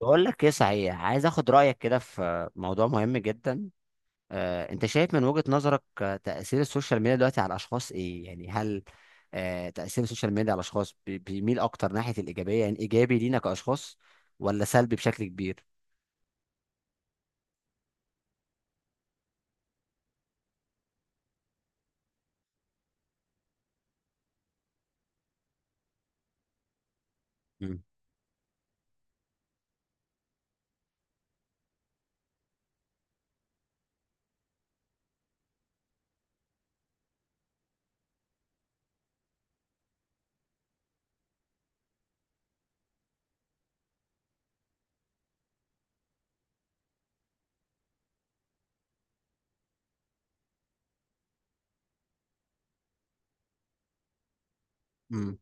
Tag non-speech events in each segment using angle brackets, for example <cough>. بقول لك ايه صحيح، عايز اخد رايك كده في موضوع مهم جدا. انت شايف من وجهة نظرك، تاثير السوشيال ميديا دلوقتي على الاشخاص ايه؟ يعني هل تاثير السوشيال ميديا على الاشخاص بيميل اكتر ناحيه الايجابيه؟ يعني ايجابي لينا كاشخاص ولا سلبي بشكل كبير؟ مم. مم.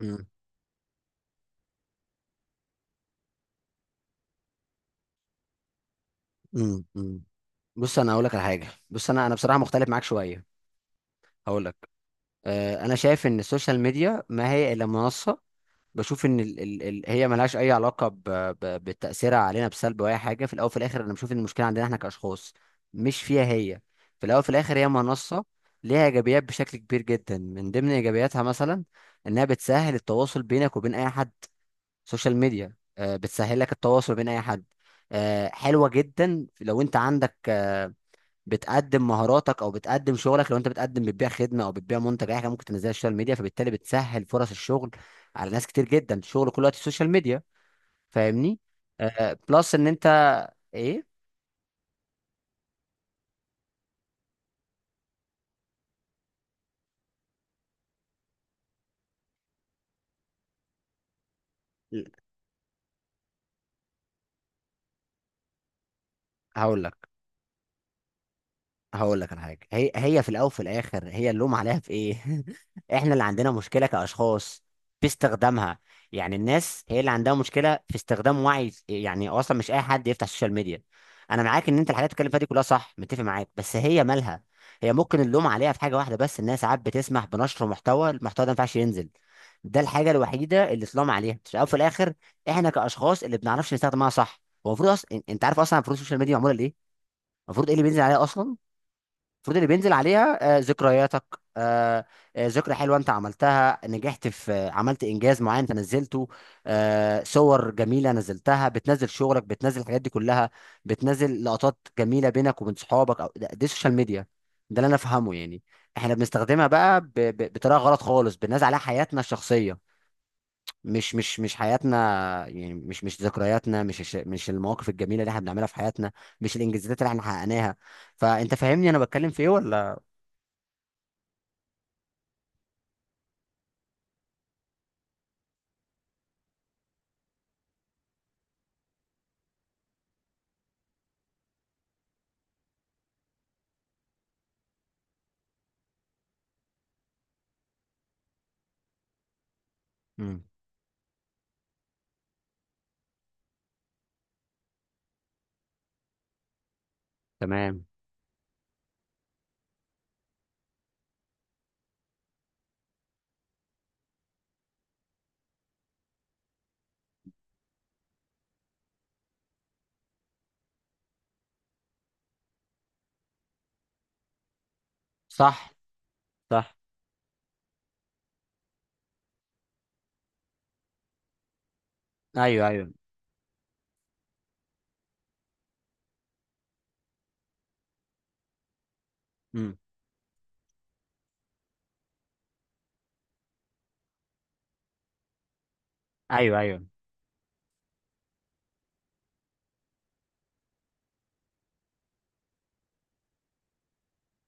مم. مم. مم. بص، انا هقول لك على حاجه. بص، انا بصراحه مختلف معاك شويه. هقول لك، انا شايف ان السوشيال ميديا ما هي الا منصه. بشوف ان ال هي ملهاش اي علاقه ب بتاثيرها علينا بسلب او اي حاجه. في الاول وفي الاخر انا بشوف ان المشكله عندنا احنا كاشخاص، مش فيها هي. في الاول وفي الاخر هي منصه، ليها ايجابيات بشكل كبير جدا. من ضمن ايجابياتها مثلا انها بتسهل التواصل بينك وبين اي حد. سوشيال ميديا بتسهل لك التواصل بين اي حد. حلوه جدا. لو انت عندك، بتقدم مهاراتك او بتقدم شغلك، لو انت بتقدم بتبيع خدمه او بتبيع منتج، اي حاجه ممكن تنزلها على السوشيال ميديا، فبالتالي بتسهل فرص الشغل على ناس كتير جدا. الشغل كله دلوقتي السوشيال ميديا. فاهمني؟ بلس ان انت، ايه. هقول لك، هقول لك على حاجه. هي هي في الاول وفي الاخر، هي اللوم عليها في ايه؟ <laughs> احنا اللي عندنا مشكله كاشخاص في استخدامها. يعني الناس هي اللي عندها مشكله في استخدام، وعي. يعني اصلا مش اي حد يفتح السوشيال ميديا. انا معاك ان انت الحاجات اللي بتتكلم فيها دي كلها صح، متفق معاك، بس هي مالها. هي ممكن اللوم عليها في حاجه واحده بس، الناس ساعات بتسمح بنشر محتوى، المحتوى ده ما ينفعش ينزل. ده الحاجه الوحيده اللي اتلام عليها. في الاول وفي الاخر احنا كاشخاص اللي بنعرفش نستخدمها صح. هو المفروض اصلا، انت عارف اصلا المفروض السوشيال ميديا معموله ليه؟ المفروض ايه اللي بينزل عليها اصلا؟ المفروض اللي بينزل عليها ذكرياتك، آه، ذكرى حلوه انت عملتها، نجحت في عملت انجاز معين انت نزلته، صور جميله نزلتها، بتنزل شغلك، بتنزل الحاجات دي كلها، بتنزل لقطات جميله بينك وبين صحابك، او ده دي السوشيال ميديا، ده اللي انا افهمه يعني. احنا بنستخدمها بقى بطريقه غلط خالص. بننزل عليها حياتنا الشخصيه، مش حياتنا، يعني مش ذكرياتنا، مش المواقف الجميله اللي احنا بنعملها في حياتنا، مش الانجازات اللي احنا حققناها. فانت فاهمني انا بتكلم في ايه ولا؟ امم. تمام. صح. صح. ايوه، ايوه. امم. ايوه، ايوه.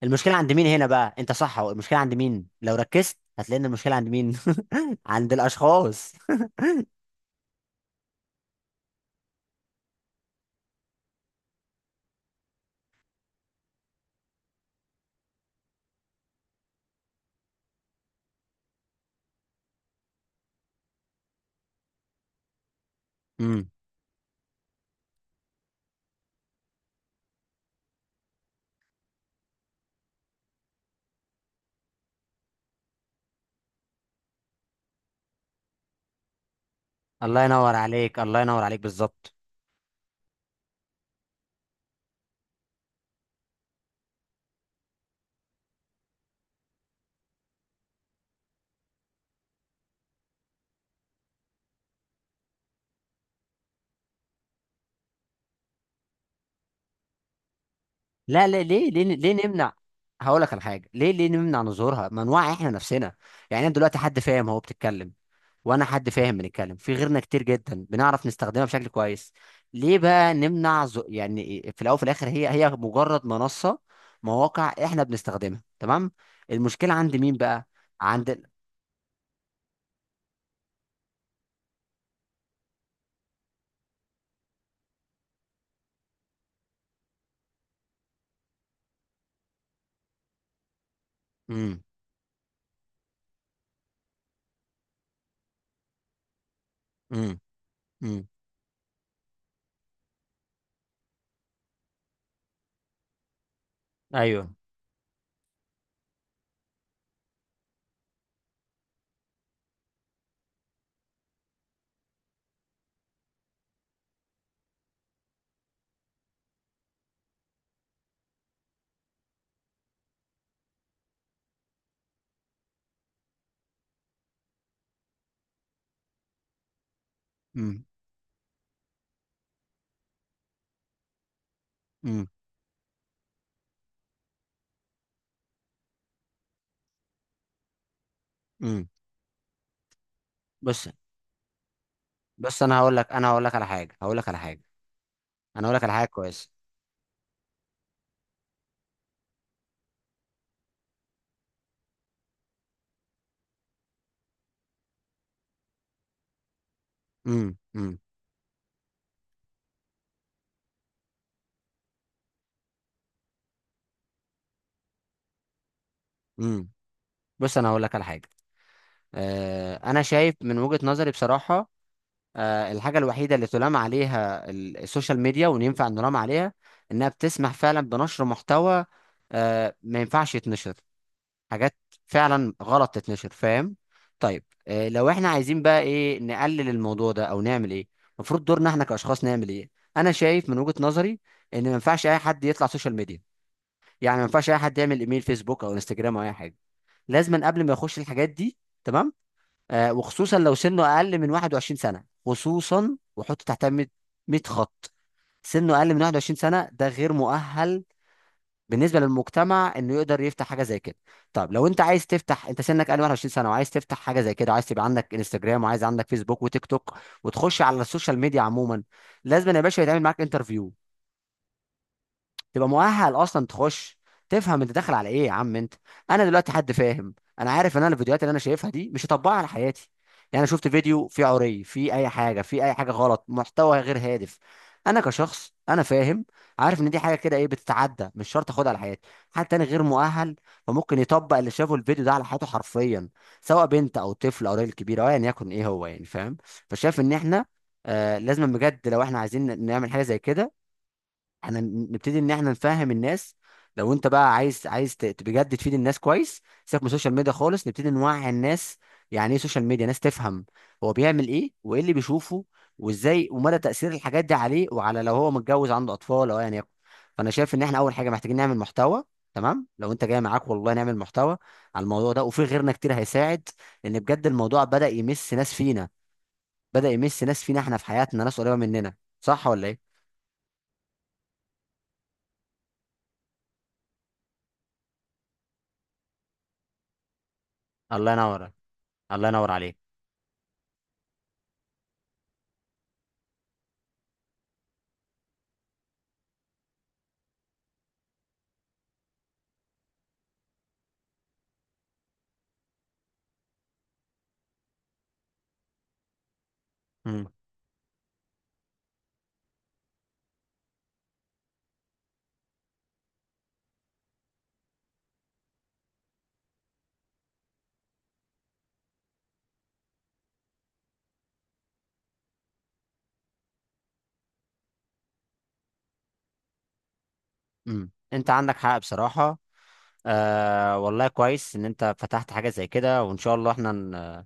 المشكله عند مين هنا بقى؟ انت صح، هو المشكله عند مين؟ لو ركزت هتلاقي ان المشكله عند مين. <laughs> عند الاشخاص. امم. الله ينور عليك، الله ينور عليك، بالظبط. لا لا، ليه ليه ليه نمنع؟ هقول لك على حاجه. ليه ليه نمنع من ظهورها؟ ما نوعي احنا نفسنا. يعني أنا دلوقتي حد فاهم، هو بتتكلم وانا حد فاهم، بنتكلم. في غيرنا كتير جدا بنعرف نستخدمها بشكل كويس. ليه بقى نمنع يعني؟ في الاول وفي الاخر هي هي مجرد منصه، مواقع احنا بنستخدمها. تمام. المشكله عند مين بقى؟ عند. امم. امم. امم. ايوه. امم. امم. امم. بص، بص انا هقول لك، انا هقول لك على حاجه، هقول لك على حاجه، انا هقول لك على حاجه كويس. امم. امم. امم. بص انا هقول لك على حاجه. انا شايف من وجهه نظري بصراحه، الحاجة الوحيدة اللي تلام عليها السوشيال ميديا وان ينفع نلام عليها، انها بتسمح فعلا بنشر محتوى ما ينفعش يتنشر، حاجات فعلا غلط تتنشر. فاهم؟ طيب، لو احنا عايزين بقى ايه، نقلل الموضوع ده او نعمل ايه؟ المفروض دورنا احنا كاشخاص نعمل ايه؟ انا شايف من وجهة نظري ان ما ينفعش اي حد يطلع سوشيال ميديا. يعني ما ينفعش اي حد يعمل ايميل فيسبوك او انستجرام او اي حاجة لازما، قبل ما يخش الحاجات دي. تمام؟ وخصوصا لو سنه اقل من 21 سنه، خصوصا، وحط تحتها 100، 100 خط. سنه اقل من 21 سنه ده غير مؤهل بالنسبه للمجتمع انه يقدر يفتح حاجه زي كده. طب لو انت عايز تفتح، انت سنك اقل من 21 سنه وعايز تفتح حاجه زي كده، وعايز تبقى عندك انستجرام، وعايز عندك فيسبوك وتيك توك، وتخش على السوشيال ميديا عموما، لازم يا باشا يتعمل معاك انترفيو، تبقى مؤهل اصلا تخش. تفهم انت داخل على ايه يا عم انت. انا دلوقتي حد فاهم، انا عارف ان انا الفيديوهات اللي انا شايفها دي مش هطبقها على حياتي. يعني انا شفت فيديو فيه عري، فيه اي حاجه، فيه اي حاجه غلط، محتوى غير هادف، انا كشخص انا فاهم، عارف ان دي حاجه كده ايه، بتتعدى، مش شرط اخدها على حياتي. حد تاني غير مؤهل، فممكن يطبق اللي شافه الفيديو ده على حياته حرفيا، سواء بنت او طفل او راجل كبير او ايا يعني يكن ايه هو يعني. فاهم؟ فشايف ان احنا آه لازم بجد، لو احنا عايزين نعمل حاجه زي كده، احنا نبتدي ان احنا نفهم الناس. لو انت بقى عايز، عايز بجد تفيد الناس كويس، سيبك من السوشيال ميديا خالص، نبتدي نوعي الناس يعني ايه سوشيال ميديا، ناس تفهم هو بيعمل ايه وايه اللي بيشوفه وازاي، ومدى تأثير الحاجات دي عليه، وعلى لو هو متجوز عنده اطفال او ايا يكن. فانا شايف ان احنا اول حاجه محتاجين نعمل محتوى. تمام، لو انت جاي معاك، والله نعمل محتوى على الموضوع ده، وفي غيرنا كتير هيساعد. لان بجد الموضوع بدأ يمس ناس فينا، بدأ يمس ناس فينا احنا في حياتنا، ناس قريبه مننا. صح ولا ايه؟ الله ينور، الله ينور عليك. مم. مم. انت عندك حق بصراحة. والله كويس ان انت فتحت حاجة زي كده. وان شاء الله احنا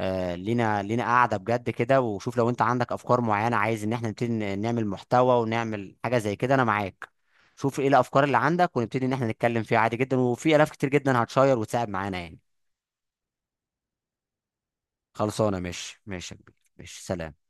آه لينا، لينا قاعدة بجد كده، وشوف لو انت عندك افكار معينة، عايز ان احنا نبتدي نعمل محتوى ونعمل حاجة زي كده، انا معاك. شوف ايه الافكار اللي عندك ونبتدي ان احنا نتكلم فيها عادي جدا، وفي الاف كتير جدا هتشير وتساعد معانا يعني. خلصانة، ماشي ماشي يا كبير. ماشي، سلام.